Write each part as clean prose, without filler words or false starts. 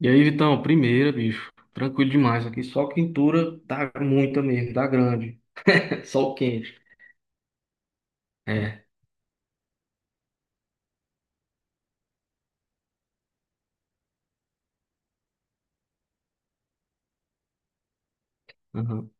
E aí, Vitão, primeira, bicho. Tranquilo demais aqui. Só quentura dá muita mesmo, dá grande. Sol quente. É. Aham.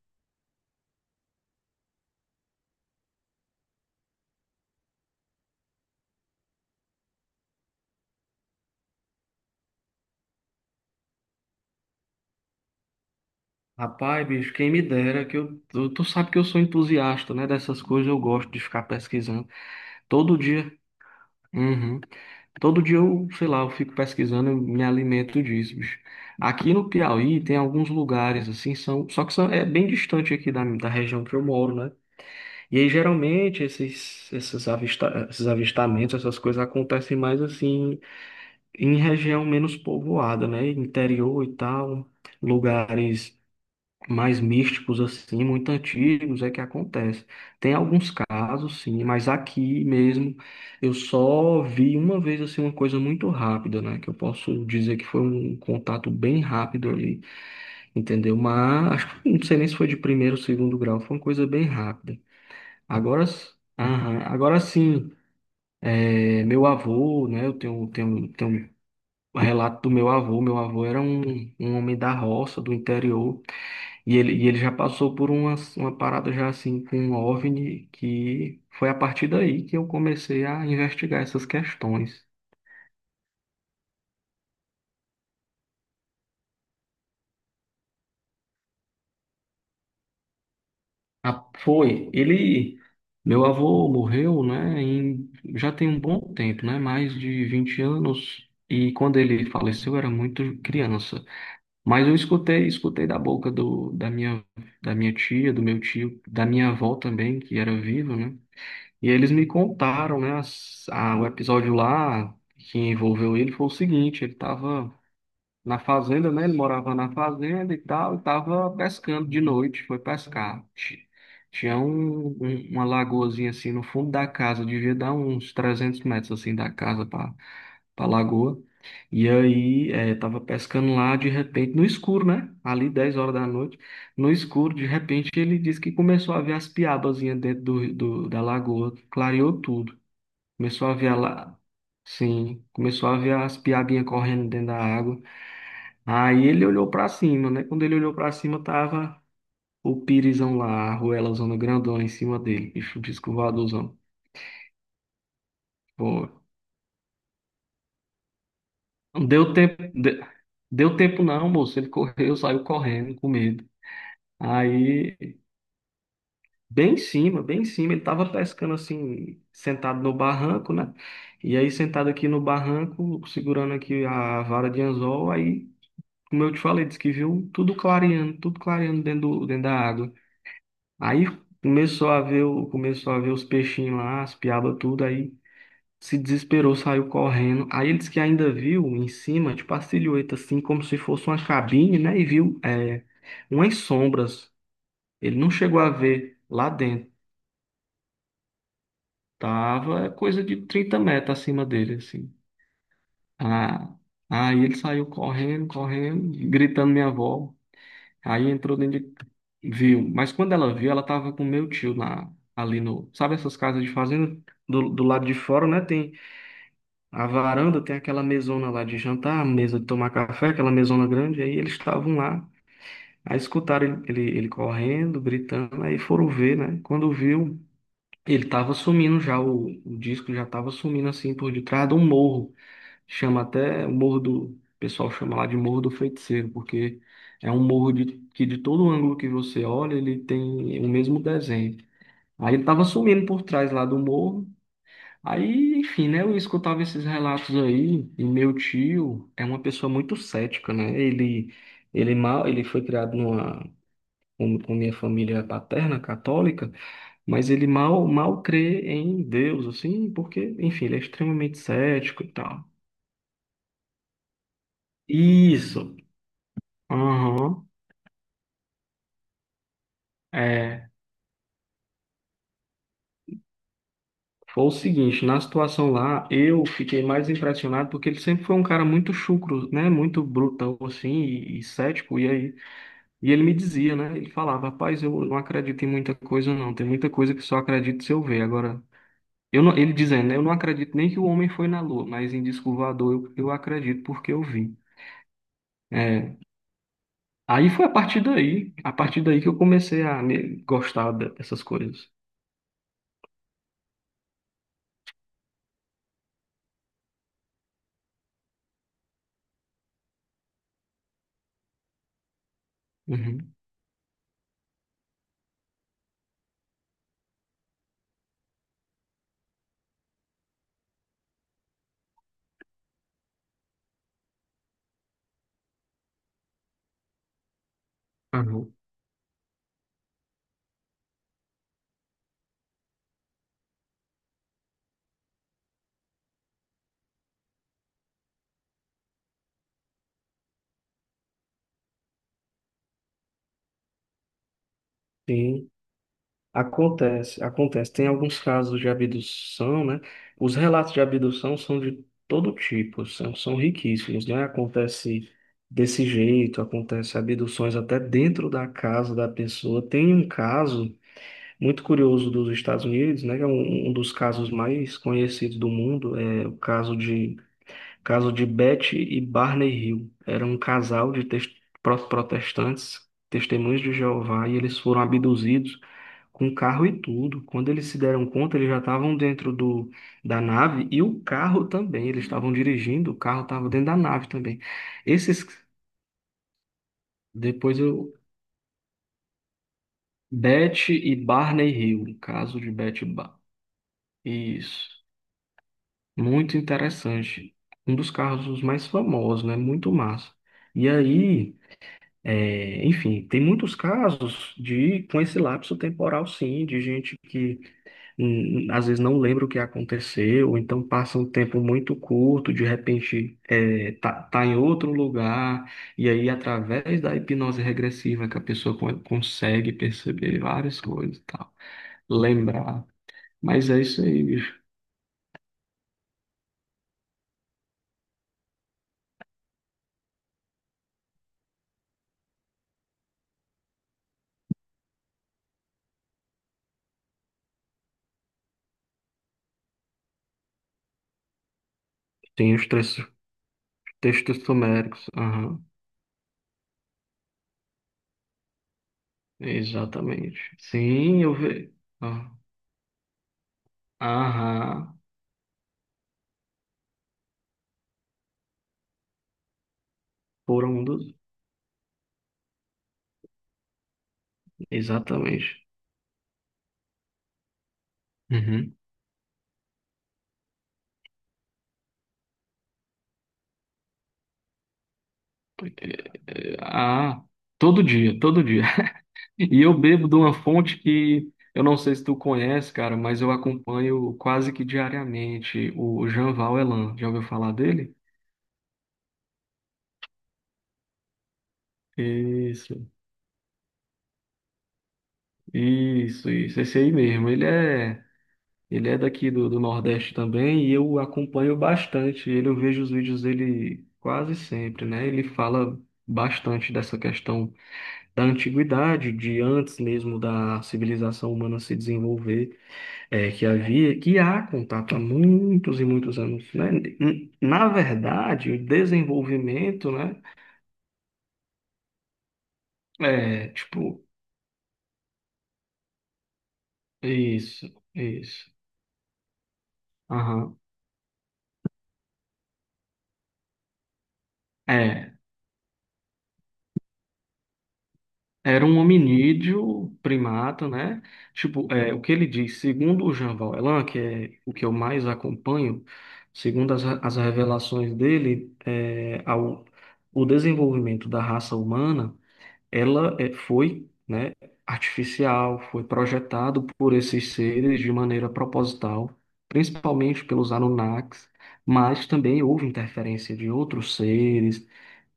Rapaz, bicho, quem me dera que eu. Tu sabe que eu sou entusiasta, né? Dessas coisas eu gosto de ficar pesquisando. Todo dia. Uhum. Todo dia eu, sei lá, eu fico pesquisando, eu me alimento disso, bicho. Aqui no Piauí tem alguns lugares, assim, são. Só que são, é bem distante aqui da região que eu moro, né? E aí, geralmente, esses avistamentos, essas coisas acontecem mais assim em região menos povoada, né? Interior e tal, lugares mais místicos, assim, muito antigos, é que acontece. Tem alguns casos, sim, mas aqui mesmo eu só vi uma vez assim uma coisa muito rápida, né? Que eu posso dizer que foi um contato bem rápido ali, entendeu? Mas acho que não sei nem se foi de primeiro ou segundo grau, foi uma coisa bem rápida. Agora, aham, agora sim, é, meu avô, né? Eu tenho um relato do meu avô. Meu avô era um homem da roça, do interior, e ele já passou por uma parada já assim com um OVNI, que foi a partir daí que eu comecei a investigar essas questões. Ah, foi, ele, meu avô morreu, né? Já tem um bom tempo, né? Mais de 20 anos, e quando ele faleceu eu era muito criança. Mas eu escutei, escutei da boca da minha tia, do meu tio, da minha avó também, que era viva, né? E eles me contaram, né, o episódio lá que envolveu ele foi o seguinte, ele estava na fazenda, né? Ele morava na fazenda e tal, e estava pescando de noite, foi pescar. Tinha uma lagoazinha assim no fundo da casa, devia dar uns 300 metros assim da casa pra lagoa. E aí, é, tava pescando lá de repente, no escuro, né? Ali 10 horas da noite, no escuro, de repente ele disse que começou a ver as piabazinhas dentro da lagoa, clareou tudo. Começou a ver a la- Sim, começou a ver as piabinhas correndo dentro da água. Aí ele olhou pra cima, né? Quando ele olhou pra cima, tava o pirizão lá, a arruelazona grandona em cima dele, bicho disco voadorzão. Deu tempo, de- deu tempo não, moço. Ele correu, saiu correndo com medo. Aí, bem em cima, ele tava pescando assim, sentado no barranco, né? E aí, sentado aqui no barranco, segurando aqui a vara de anzol, aí, como eu te falei, disse que viu tudo clareando dentro, dentro da água. Aí começou a ver, começou a ver os peixinhos lá, as piabas, tudo aí. Se desesperou, saiu correndo. Aí ele disse que ainda viu em cima, tipo a silhueta, assim, como se fosse uma cabine, né? E viu umas sombras. Ele não chegou a ver lá dentro. Tava coisa de 30 metros acima dele, assim. Ah, aí ele saiu correndo, correndo, gritando minha avó. Aí entrou dentro de... Viu. Mas quando ela viu, ela tava com meu tio ali no. Sabe essas casas de fazenda? Do lado de fora, né? A varanda tem aquela mesona lá de jantar, mesa de tomar café, aquela mesona grande. Aí eles estavam lá, aí escutaram ele correndo, gritando, aí foram ver, né? Quando viu, ele tava sumindo já, o disco já tava sumindo assim por detrás de um morro. Chama até o morro do, o pessoal chama lá de Morro do Feiticeiro, porque é um morro de, que de todo ângulo que você olha, ele tem o mesmo desenho. Aí ele tava sumindo por trás lá do morro. Aí, enfim, né? Eu escutava esses relatos aí, e meu tio é uma pessoa muito cética, né? Ele foi criado com minha família paterna católica, mas ele mal, mal crê em Deus, assim, porque, enfim, ele é extremamente cético e tal. Isso. Aham. É. Foi o seguinte, na situação lá, eu fiquei mais impressionado porque ele sempre foi um cara muito chucro, né? Muito brutão, assim, e, cético. E ele me dizia, né? Ele falava, rapaz, eu não acredito em muita coisa, não. Tem muita coisa que só acredito se eu ver. Agora, eu não, ele dizendo, né? Eu não acredito nem que o homem foi na Lua, mas em disco voador eu, acredito porque eu vi. É, aí foi a partir daí que eu comecei a gostar dessas coisas. Uhum. Aham. Sim. Acontece, acontece. Tem alguns casos de abdução, né? Os relatos de abdução são de todo tipo, são, riquíssimos, né? Acontece desse jeito, acontece abduções até dentro da casa da pessoa. Tem um caso muito curioso dos Estados Unidos, né? Que é um dos casos mais conhecidos do mundo, é o caso de Caso de Betty e Barney Hill. Era um casal de protestantes, testemunhas de Jeová, e eles foram abduzidos com um carro e tudo. Quando eles se deram conta, eles já estavam dentro da nave e o carro também. Eles estavam dirigindo, o carro estava dentro da nave também. Esses, depois eu, Betty e Barney Hill. Caso de Betty e Bar... Isso. Muito interessante. Um dos carros mais famosos, né? Muito massa. E aí. É, enfim, tem muitos casos de com esse lapso temporal, sim, de gente que às vezes não lembra o que aconteceu, ou então passa um tempo muito curto, de repente tá em outro lugar, e aí através da hipnose regressiva que a pessoa consegue perceber várias coisas e tal, lembrar. Mas é isso aí, bicho. Tem os textos sumérios. Aham, exatamente. Sim, eu vejo. Aham. Aham. Foram um dos. Exatamente. Uhum. Eh, Ah, todo dia, todo dia. E eu bebo de uma fonte que eu não sei se tu conhece, cara, mas eu acompanho quase que diariamente o Jean Elan. Já ouviu falar dele? Isso, isso, isso. Esse aí mesmo. Ele é daqui do Nordeste também e eu acompanho bastante. Eu vejo os vídeos dele quase sempre, né? Ele fala bastante dessa questão da antiguidade, de antes mesmo da civilização humana se desenvolver, é, que havia, que há contato há muitos e muitos anos, né? Na verdade, o desenvolvimento, né? É, tipo, isso, isso. Aham. É. Era um hominídeo, primata, né? Tipo, é, o que ele diz, segundo o Jean Valjean, que é o que eu mais acompanho, segundo as revelações dele, o desenvolvimento da raça humana, ela é, foi, né, artificial, foi projetado por esses seres de maneira proposital, principalmente pelos Anunnakis, mas também houve interferência de outros seres,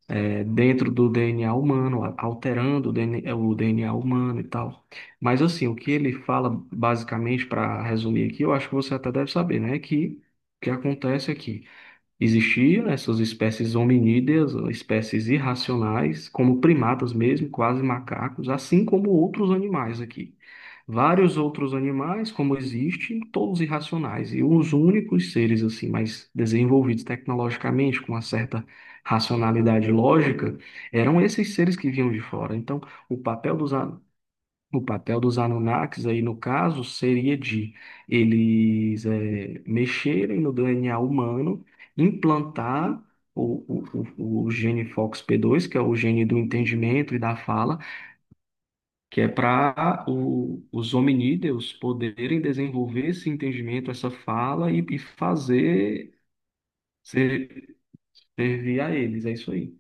é, dentro do DNA humano, alterando o DNA, o DNA humano e tal. Mas assim, o que ele fala basicamente, para resumir aqui, eu acho que você até deve saber, né? Que o que acontece aqui? Existiam essas espécies hominídeas, ou espécies irracionais, como primatas mesmo, quase macacos, assim como outros animais aqui. Vários outros animais, como existem, todos irracionais, e os únicos seres assim mais desenvolvidos tecnologicamente, com uma certa racionalidade lógica, eram esses seres que vinham de fora. Então, o papel dos, a- o papel dos Anunnakis aí, no caso, seria de eles mexerem no DNA humano, implantar o, o, o gene FOXP2, que é o gene do entendimento e da fala, que é para os hominídeos poderem desenvolver esse entendimento, essa fala e, fazer ser- servir a eles. É isso aí.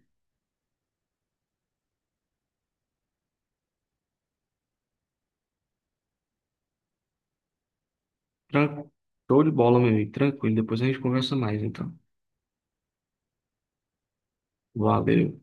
Tran- Show de bola, meu amigo. Tranquilo. Depois a gente conversa mais, então. Valeu.